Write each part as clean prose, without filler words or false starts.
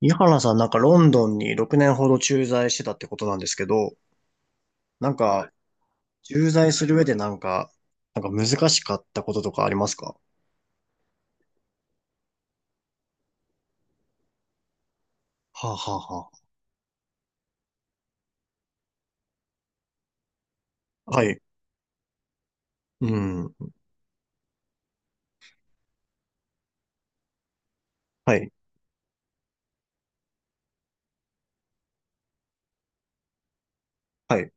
井原さん、なんかロンドンに6年ほど駐在してたってことなんですけど、なんか、駐在する上でなんか難しかったこととかありますか？はあ、はあはあ。はい。うん。はい。はい。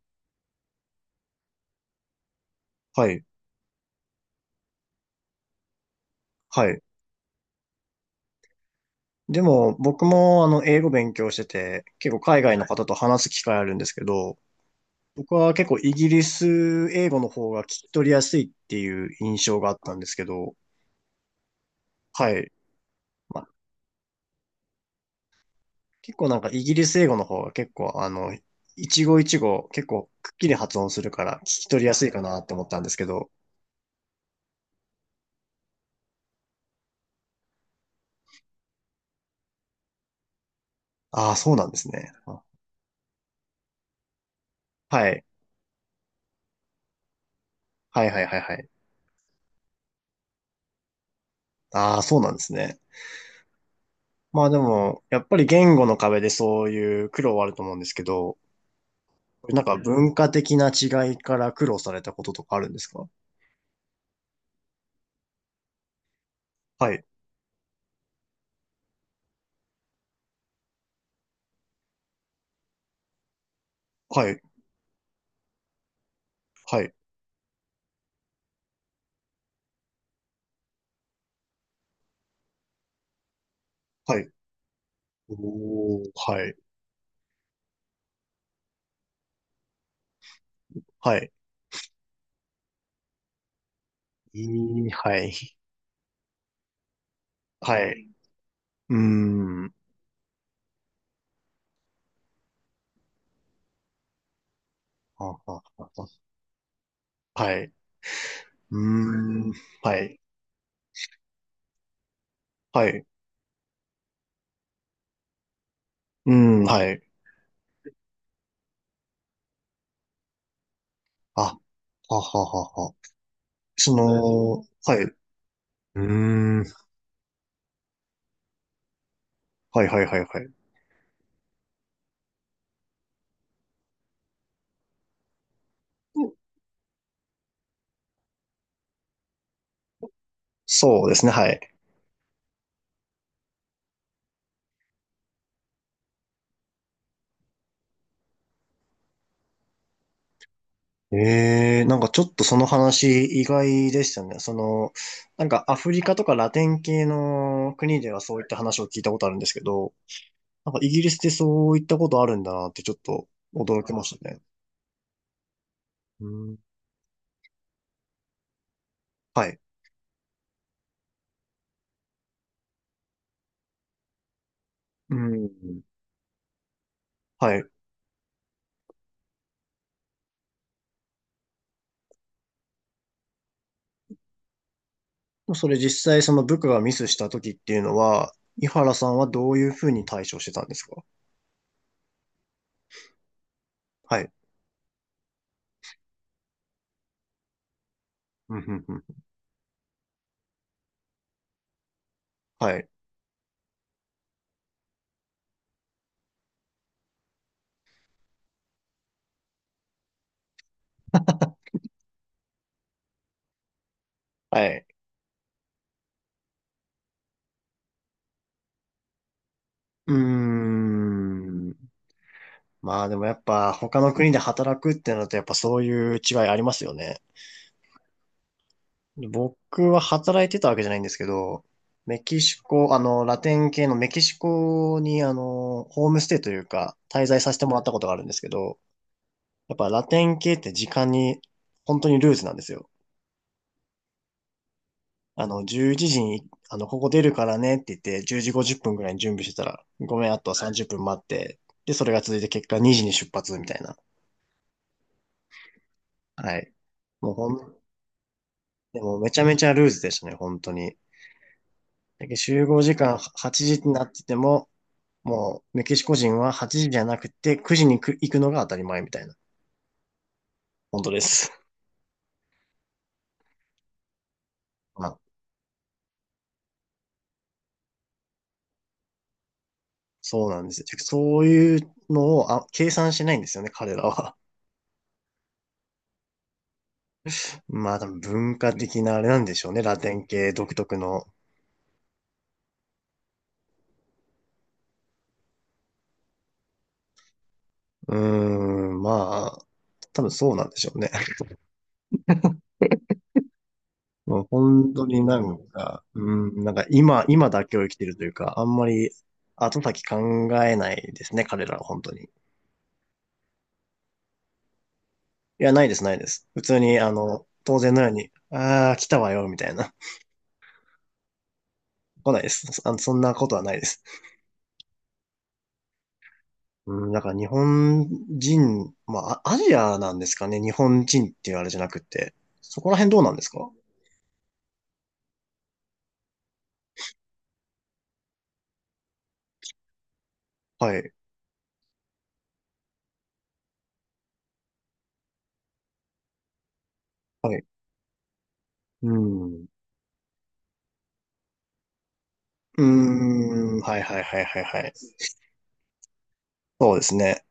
はい。はい。でも、僕も英語勉強してて、結構海外の方と話す機会あるんですけど、僕は結構イギリス英語の方が聞き取りやすいっていう印象があったんですけど。はい。結構なんかイギリス英語の方が結構一語一語結構くっきり発音するから聞き取りやすいかなって思ったんですけど。ああ、そうなんですね。あ、はい。はいはいはいはい。ああ、そうなんですね。まあでも、やっぱり言語の壁でそういう苦労はあると思うんですけど、なんか文化的な違いから苦労されたこととかあるんですか？はい、はい、はい、はい。おー、はい、はい。いい、はい、はい。うーん。あああああ、はい。うーん。はい。はい。うーん、はい。あ、はははは。その、はい。うーん。はいはいはいはい。そうですね、はい。ええ、なんかちょっとその話意外でしたね。その、なんかアフリカとかラテン系の国ではそういった話を聞いたことあるんですけど、なんかイギリスでそういったことあるんだなってちょっと驚きましたね。うん。はい。うん。はい。もうそれ実際その部下がミスした時っていうのは、井原さんはどういうふうに対処してたんですか？はい。うんうんうん、はい。はい。うーん。まあでもやっぱ他の国で働くってなるとやっぱそういう違いありますよね。僕は働いてたわけじゃないんですけど、メキシコ、ラテン系のメキシコにホームステイというか滞在させてもらったことがあるんですけど、やっぱラテン系って時間に本当にルーズなんですよ。11時に、ここ出るからねって言って、10時50分ぐらいに準備してたら、ごめん、あとは30分待って、で、それが続いて結果2時に出発みたいな。はい。もうほん、でもめちゃめちゃルーズでしたね、本当に。だけど集合時間8時になってても、もうメキシコ人は8時じゃなくて9時に行くのが当たり前みたいな。本当です。まあ、そうなんですよ。そういうのを計算しないんですよね、彼らは。まあ多分文化的なあれなんでしょうね、ラテン系独特の。うーん、まあ、多分そうなんでしょうね。もう本当になんか、うーん、なんか今だけを生きてるというか、あんまり後先考えないですね、彼らは本当に。いや、ないです、ないです。普通に、当然のように、ああ、来たわよ、みたいな。来ないです。そんなことはないです。うん、だから日本人、まあ、アジアなんですかね、日本人っていうあれじゃなくて。そこら辺どうなんですか？はい、はい。うん。うーん、はいはいはいはいはい。そうですね。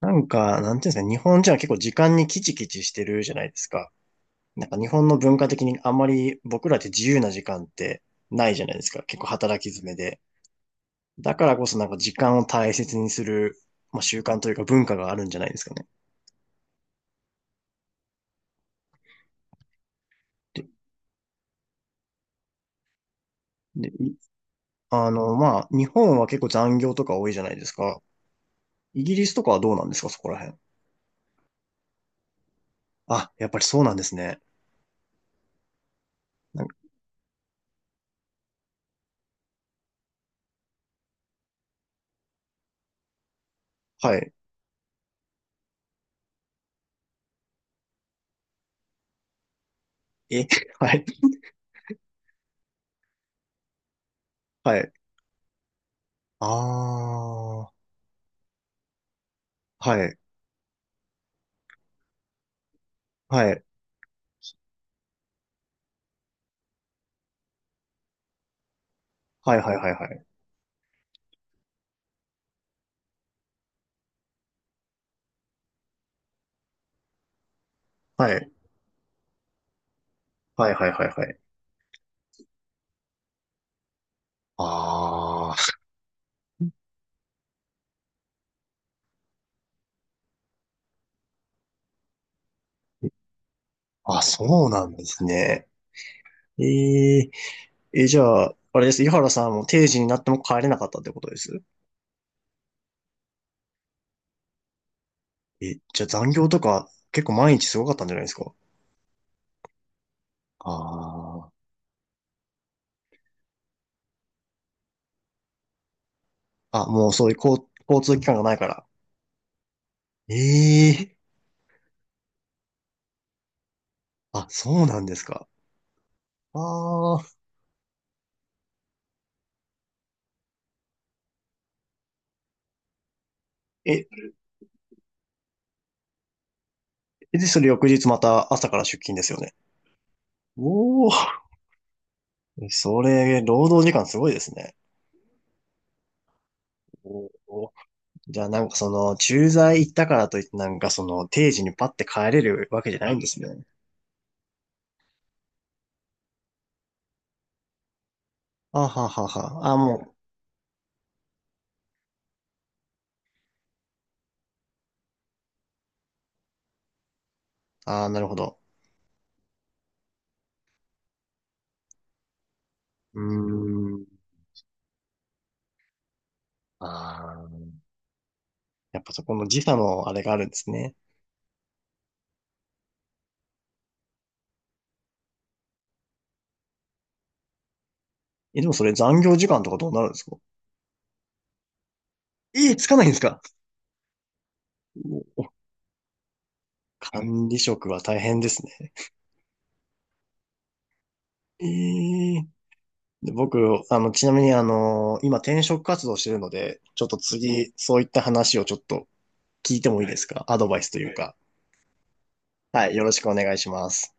なんか、なんていうんですかね、日本人は結構時間にキチキチしてるじゃないですか。なんか日本の文化的にあんまり僕らって自由な時間ってないじゃないですか。結構働き詰めで。だからこそなんか時間を大切にする、まあ、習慣というか文化があるんじゃないですかね。で、で、いあの、まあ、日本は結構残業とか多いじゃないですか。イギリスとかはどうなんですか、そこら辺。あ、やっぱりそうなんですね。なんか、はい。え、はい、はい。ああ、はい、はい、はい、はい、はい、はい。はい。はいはいはいはい。ああ、あ、そうなんですね。えええ、じゃあ、あれです。井原さんも定時になっても帰れなかったってことです。え、じゃあ残業とか結構毎日すごかったんじゃないですか。ああ。あ、もうそういう交通機関がないから。ええ、あ、そうなんですか。ああ。え、で、それ翌日また朝から出勤ですよね。おお、それ、労働時間すごいですね。おー、じゃあなんか駐在行ったからといってなんか定時にパッて帰れるわけじゃないんですね。あははは。あ、もう、あーなるほど。うーん。あー、やっぱそこの時差のあれがあるんですね。え、でもそれ残業時間とかどうなるんですか？えーつかないんですか？おお、管理職は大変ですね。えーで僕、ちなみに今転職活動してるので、ちょっと次、そういった話をちょっと聞いてもいいですか？アドバイスというか。はい、よろしくお願いします。